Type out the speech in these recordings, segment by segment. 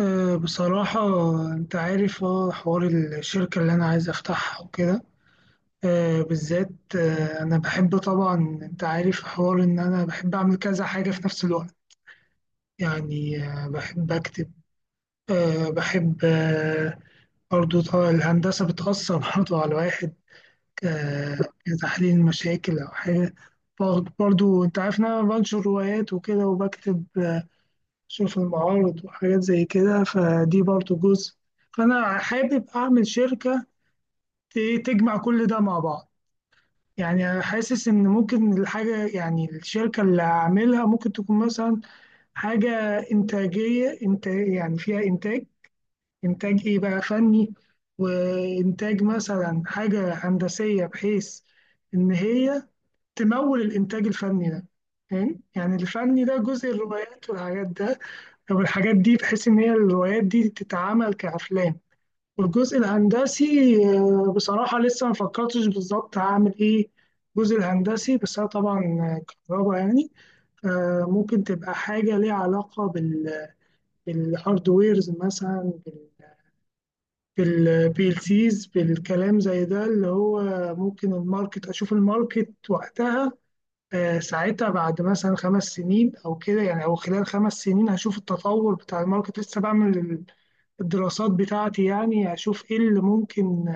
بصراحة، أنت عارف حوار الشركة اللي أنا عايز أفتحها وكده. بالذات أنا بحب طبعا. أنت عارف حوار إن أنا بحب أعمل كذا حاجة في نفس الوقت. يعني بحب أكتب، بحب برضو طبعا الهندسة بتأثر برضو على الواحد. أه كتحليل مشاكل أو حاجة. برضو أنت عارف إن أنا بنشر روايات وكده وبكتب، شوف المعارض وحاجات زي كده، فدي برضو جزء. فأنا حابب أعمل شركة تجمع كل ده مع بعض. يعني أنا حاسس إن ممكن الحاجة، يعني الشركة اللي هعملها ممكن تكون مثلا حاجة إنتاجية، إنت يعني فيها إنتاج. إنتاج إيه بقى؟ فني، وإنتاج مثلا حاجة هندسية بحيث إن هي تمول الإنتاج الفني ده. فاهم؟ يعني الفني ده جزء الروايات والحاجات ده، طب الحاجات دي بحيث ان هي الروايات دي تتعمل كافلام. والجزء الهندسي بصراحه لسه ما فكرتش بالظبط هعمل ايه. الجزء الهندسي بس انا طبعا كهرباء يعني. ممكن تبقى حاجه ليها علاقه بال، بالهاردويرز مثلا، بالبي ال سيز، بالكلام زي ده اللي هو ممكن الماركت، اشوف الماركت وقتها. ساعتها بعد مثلا 5 سنين او كده يعني، او خلال 5 سنين هشوف التطور بتاع الماركت، لسه بعمل الدراسات بتاعتي يعني، أشوف إيه اللي ممكن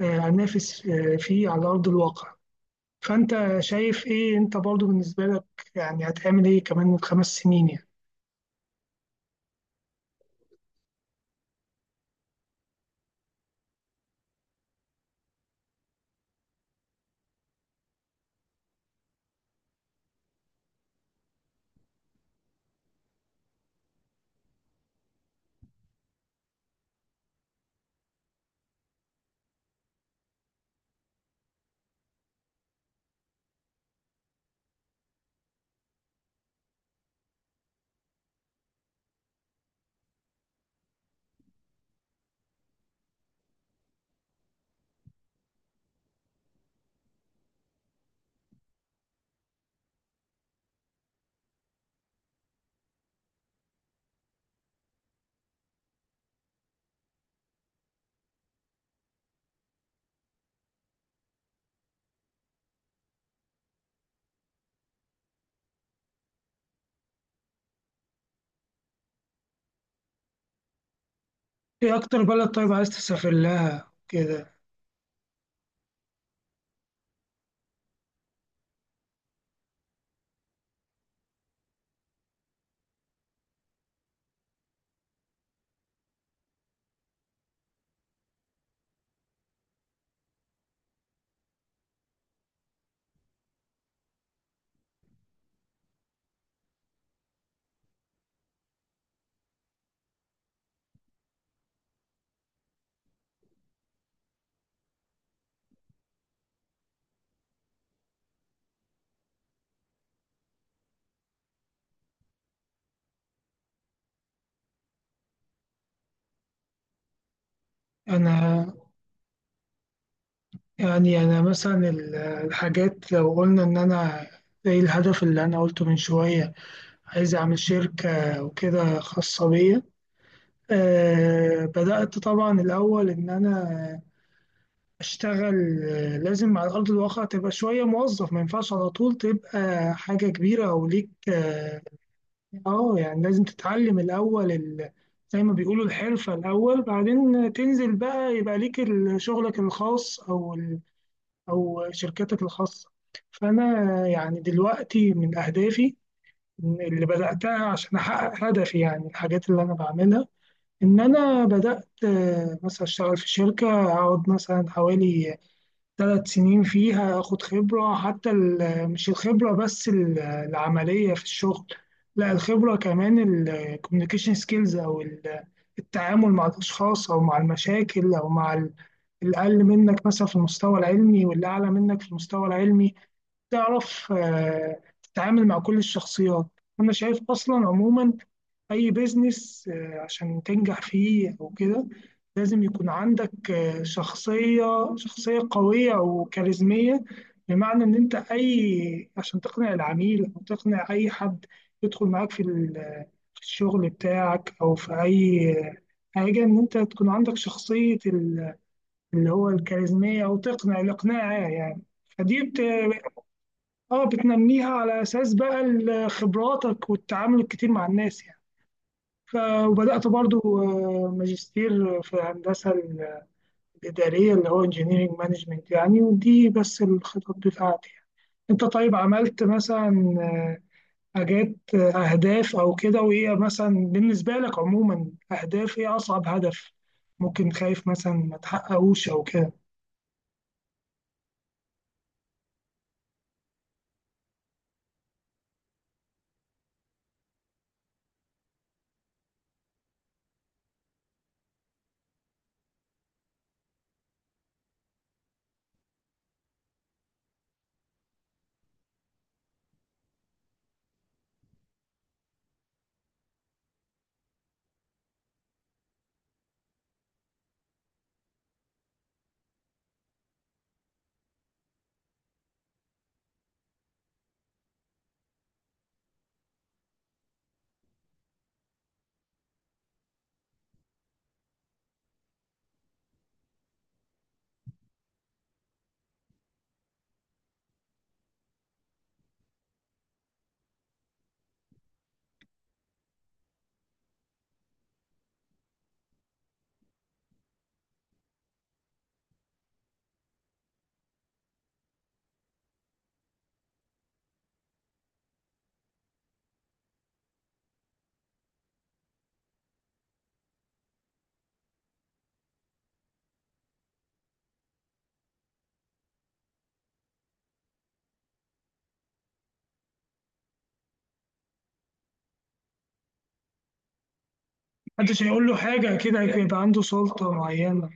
أنافس فيه على أرض الواقع. فأنت شايف إيه أنت برضو بالنسبة لك؟ يعني هتعمل إيه كمان من 5 سنين يعني؟ إيه أكتر بلد طيب عايز تسافر لها كده؟ أنا، يعني أنا مثلا الحاجات لو قلنا إن أنا زي الهدف اللي أنا قلته من شوية، عايز أعمل شركة وكده خاصة بيا. بدأت طبعا الأول إن أنا اشتغل. لازم على أرض الواقع تبقى شوية موظف، ما ينفعش على طول تبقى حاجة كبيرة أو ليك اه. يعني لازم تتعلم الأول زي ما بيقولوا الحرفة الأول، بعدين تنزل بقى يبقى ليك شغلك الخاص، أو أو شركتك الخاصة. فأنا يعني دلوقتي من أهدافي اللي بدأتها عشان أحقق هدفي، يعني الحاجات اللي أنا بعملها إن أنا بدأت مثلا أشتغل في شركة أقعد مثلا حوالي 3 سنين فيها، اخد خبرة. حتى مش الخبرة بس العملية في الشغل، لا الخبرة كمان. الكوميونيكيشن سكيلز او التعامل مع الاشخاص او مع المشاكل او مع الأقل منك مثلا في المستوى العلمي واللي أعلى منك في المستوى العلمي. تعرف تتعامل مع كل الشخصيات. أنا شايف أصلا عموما أي بيزنس عشان تنجح فيه أو كده لازم يكون عندك شخصية شخصية قوية وكاريزمية. بمعنى إن أنت أي عشان تقنع العميل أو تقنع أي حد يدخل معاك في في الشغل بتاعك أو في أي حاجة، إن أنت تكون عندك شخصية اللي هو الكاريزمية، أو تقنع، الإقناع يعني. فدي اه بتنميها على اساس بقى خبراتك والتعامل الكتير مع الناس يعني. ف- وبدأت برضو ماجستير في الهندسة الإدارية اللي هو انجينيرنج مانجمنت يعني، ودي بس الخطط بتاعتي يعني. انت طيب عملت مثلا آه، حاجات أهداف أو كده؟ وإيه مثلا بالنسبة لك عموما أهداف، إيه أصعب هدف ممكن خايف مثلا ما تحققوش أو كده؟ محدش هيقول له حاجة، كده يبقى عنده سلطة معينة.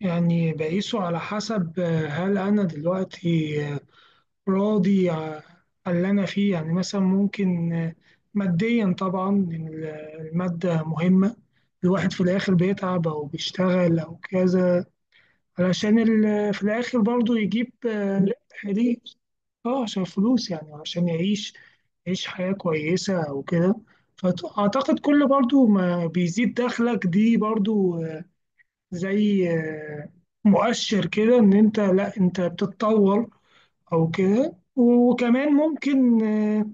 يعني بقيسه على حسب هل أنا دلوقتي راضي على اللي أنا فيه، يعني مثلا ممكن ماديا طبعا، إن المادة مهمة. الواحد في الآخر بيتعب أو بيشتغل أو كذا علشان في الآخر برضه يجيب ربح ليه. اه، عشان فلوس يعني، عشان يعيش، يعيش حياة كويسة أو كده. فأعتقد كل برضه ما بيزيد دخلك دي برضه زي مؤشر كده ان انت، لا انت بتتطور او كده. وكمان ممكن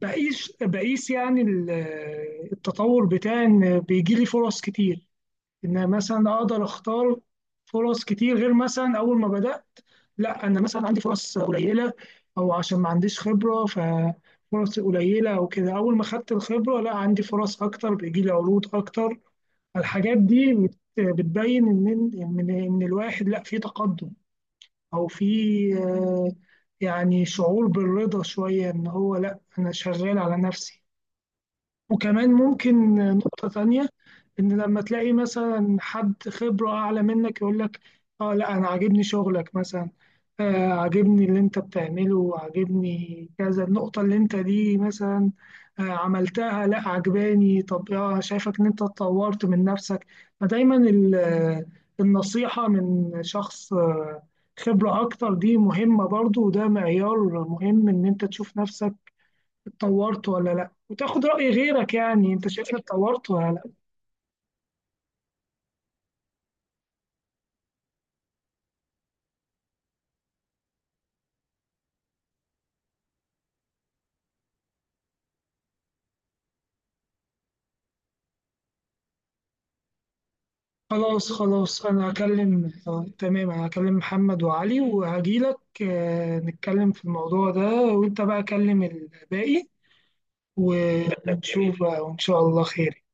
بقيس يعني التطور بتاعي ان بيجي لي فرص كتير، ان مثلا اقدر اختار فرص كتير غير مثلا اول ما بدأت. لا، انا مثلا عندي فرص قليلة او عشان ما عنديش خبرة ففرص قليلة او كده، اول ما خدت الخبرة لا عندي فرص اكتر، بيجي لي عروض اكتر. الحاجات دي بتبين ان الواحد، لا في تقدم، او في آه، يعني شعور بالرضا شويه ان هو، لا انا شغال على نفسي. وكمان ممكن نقطة تانية إن لما تلاقي مثلا حد خبرة أعلى منك يقول لك: آه لا أنا عاجبني شغلك مثلا، آه عاجبني اللي أنت بتعمله، عاجبني كذا، النقطة اللي أنت دي مثلا آه عملتها لا عجباني، طب آه شايفك إن أنت اتطورت من نفسك. فدايما النصيحة من شخص خبرة أكتر دي مهمة برضو، وده معيار مهم إن أنت تشوف نفسك اتطورت ولا لا، وتاخد رأي غيرك، يعني انت شايف إني اتطورت ولا لا؟ خلاص خلاص، انا هكلم تمام، انا هكلم محمد وعلي وهجيلك نتكلم في الموضوع ده. وانت بقى كلم الباقي، ونشوف بقى، وان شاء الله خير.